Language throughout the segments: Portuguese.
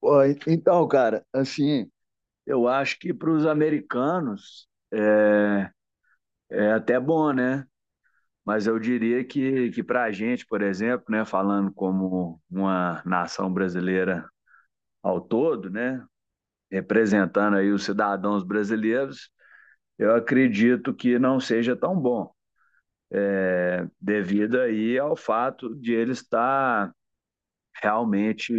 Pô, Então, cara, assim, eu acho que para os americanos é até bom, né? Mas eu diria que para a gente, por exemplo, né, falando como uma nação brasileira ao todo, né, representando aí os cidadãos brasileiros, eu acredito que não seja tão bom, devido aí ao fato de ele estar realmente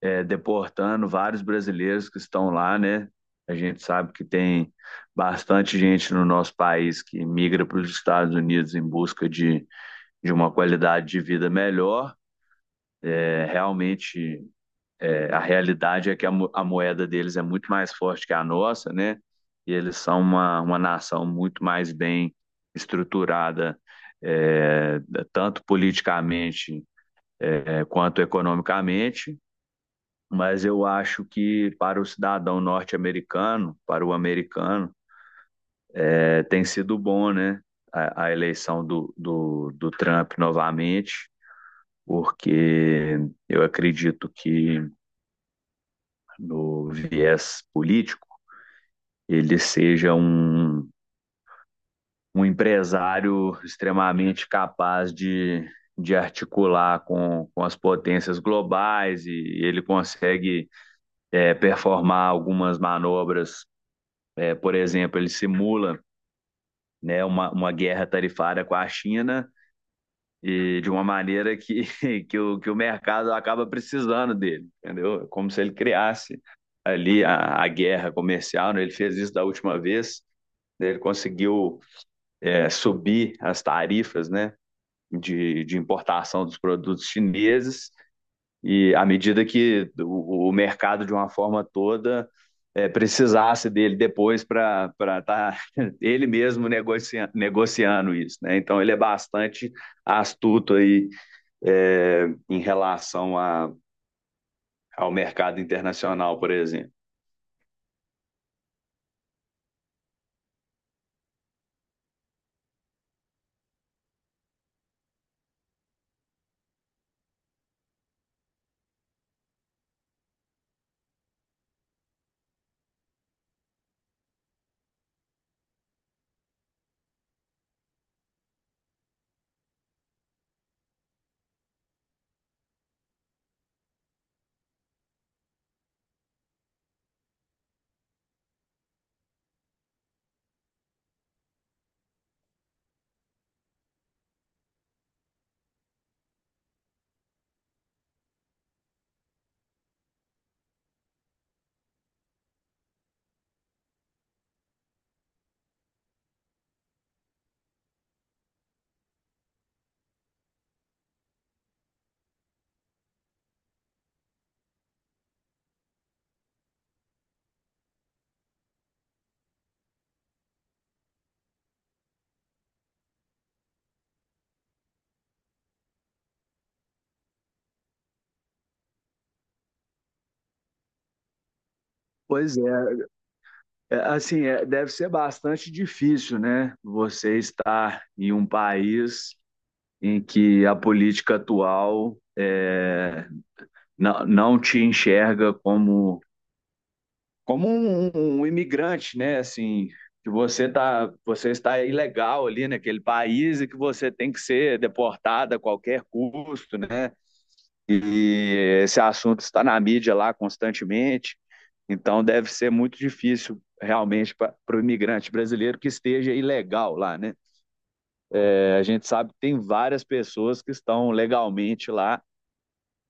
deportando vários brasileiros que estão lá, né? A gente sabe que tem bastante gente no nosso país que migra para os Estados Unidos em busca de uma qualidade de vida melhor. É, realmente, a realidade é que a moeda deles é muito mais forte que a nossa, né? E eles são uma nação muito mais bem estruturada, é, tanto politicamente, quanto economicamente. Mas eu acho que para o cidadão norte-americano, para o americano, tem sido bom, né? A eleição do Trump novamente, porque eu acredito que no viés político ele seja um empresário extremamente capaz de articular com as potências globais e ele consegue performar algumas manobras. Por exemplo, ele simula né, uma guerra tarifária com a China e de uma maneira que, que o mercado acaba precisando dele, entendeu? Como se ele criasse ali a guerra comercial, né? Ele fez isso da última vez, né? Ele conseguiu subir as tarifas, né, de importação dos produtos chineses e à medida que o mercado, de uma forma toda, precisasse dele depois para estar tá ele mesmo negociando isso, né? Então ele é bastante astuto aí, em relação ao mercado internacional, por exemplo. Pois é. Assim, deve ser bastante difícil, né? Você estar em um país em que a política atual não te enxerga como um imigrante, né? Assim, que você está ilegal ali naquele país e que você tem que ser deportado a qualquer custo, né? E esse assunto está na mídia lá constantemente, então deve ser muito difícil realmente para o imigrante brasileiro que esteja ilegal lá, né? A gente sabe que tem várias pessoas que estão legalmente lá,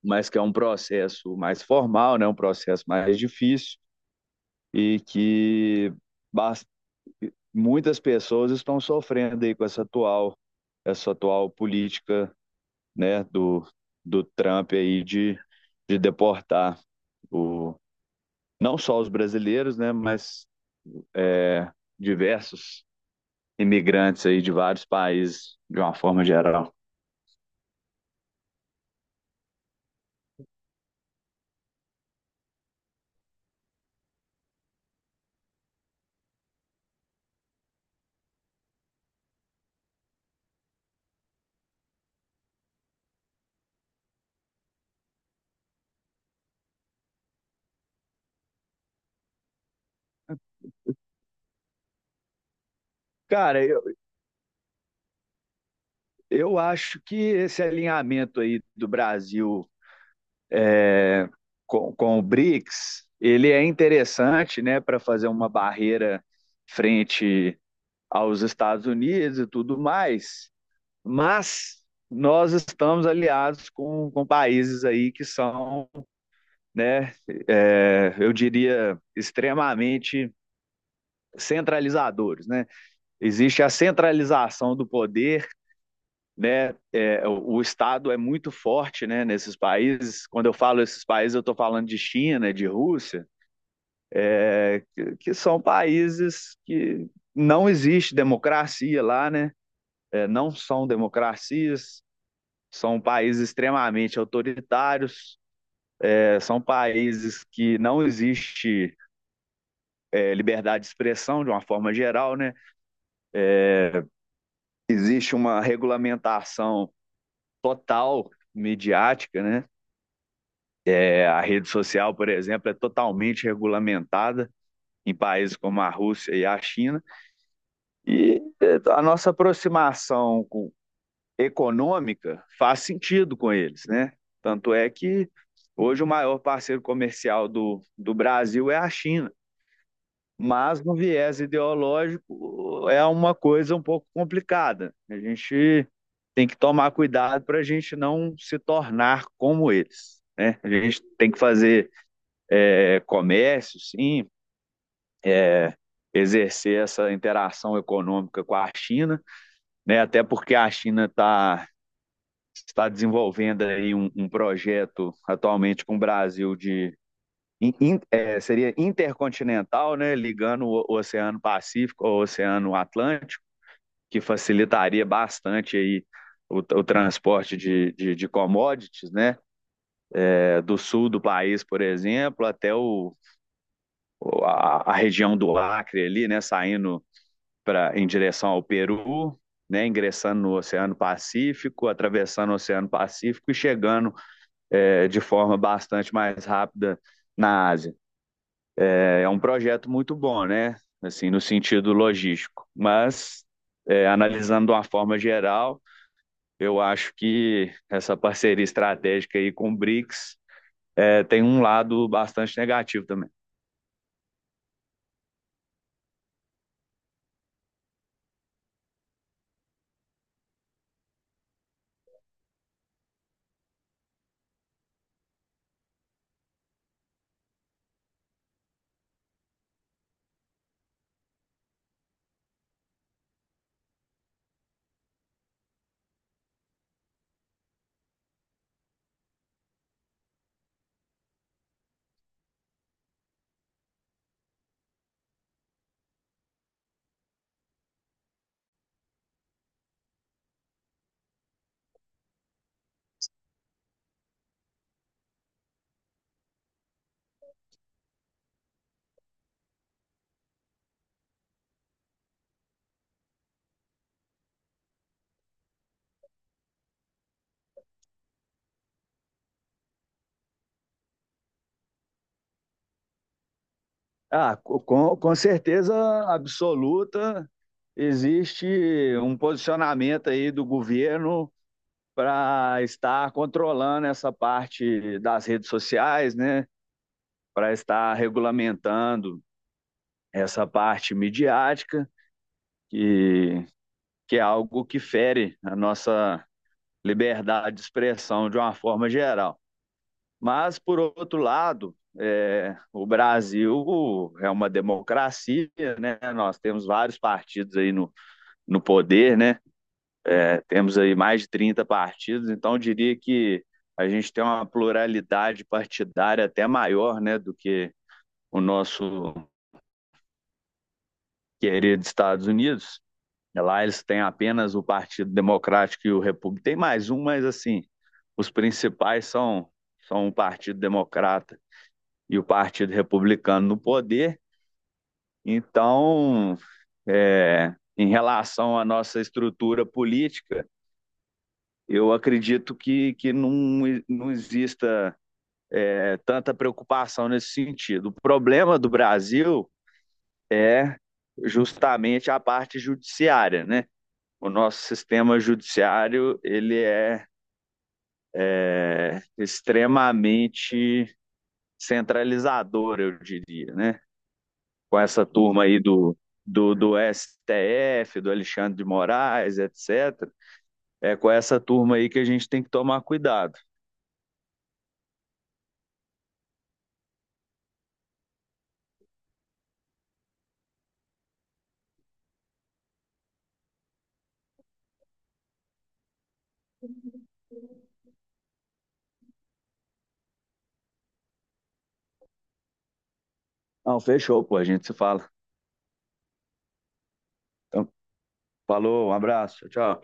mas que é um processo mais formal, né? Um processo mais difícil e que muitas pessoas estão sofrendo aí com essa atual política, né, do Trump aí de deportar o, não só os brasileiros, né, mas é, diversos imigrantes aí de vários países de uma forma geral. Cara, eu acho que esse alinhamento aí do Brasil é, com o BRICS, ele é interessante, né, para fazer uma barreira frente aos Estados Unidos e tudo mais, mas nós estamos aliados com países aí que são, né, eu diria, extremamente centralizadores, né? Existe a centralização do poder, né? O Estado é muito forte, né? Nesses países, quando eu falo esses países, eu estou falando de China, de Rússia, que são países que não existe democracia lá, né? Não são democracias. São países extremamente autoritários, são países que não existe liberdade de expressão de uma forma geral, né? Existe uma regulamentação total midiática, né? A rede social, por exemplo, é totalmente regulamentada em países como a Rússia e a China. E a nossa aproximação econômica faz sentido com eles, né? Tanto é que hoje o maior parceiro comercial do Brasil é a China. Mas no viés ideológico é uma coisa um pouco complicada. A gente tem que tomar cuidado para a gente não se tornar como eles, né? A gente tem que fazer comércio, sim, é, exercer essa interação econômica com a China, né? Até porque a China está desenvolvendo aí um projeto atualmente com o Brasil de seria intercontinental, né? Ligando o Oceano Pacífico ao Oceano Atlântico, que facilitaria bastante aí o transporte de commodities, né? Do sul do país, por exemplo, até a região do Acre ali, né? Saindo em direção ao Peru, né? Ingressando no Oceano Pacífico, atravessando o Oceano Pacífico e chegando de forma bastante mais rápida na Ásia. É um projeto muito bom, né? Assim, no sentido logístico, mas analisando de uma forma geral. Eu acho que essa parceria estratégica aí com o BRICS tem um lado bastante negativo também. Ah, com certeza absoluta, existe um posicionamento aí do governo para estar controlando essa parte das redes sociais, né? Para estar regulamentando essa parte midiática, que, que é algo que fere a nossa liberdade de expressão de uma forma geral. Mas, por outro lado, o Brasil é uma democracia, né? Nós temos vários partidos aí no poder, né? Temos aí mais de 30 partidos, então eu diria que a gente tem uma pluralidade partidária até maior, né, do que o nosso querido Estados Unidos. Lá eles têm apenas o Partido Democrático e o Repúblico. Tem mais um, mas assim, os principais são, o Partido Democrata e o Partido Republicano no poder. Então, em relação à nossa estrutura política, eu acredito que não exista tanta preocupação nesse sentido. O problema do Brasil, justamente, é a parte judiciária, né? O nosso sistema judiciário ele é extremamente centralizador, eu diria, né? Com essa turma aí do STF, do Alexandre de Moraes, etc. É com essa turma aí que a gente tem que tomar cuidado. Não, fechou, pô, a gente se fala. Então, falou, um abraço, tchau.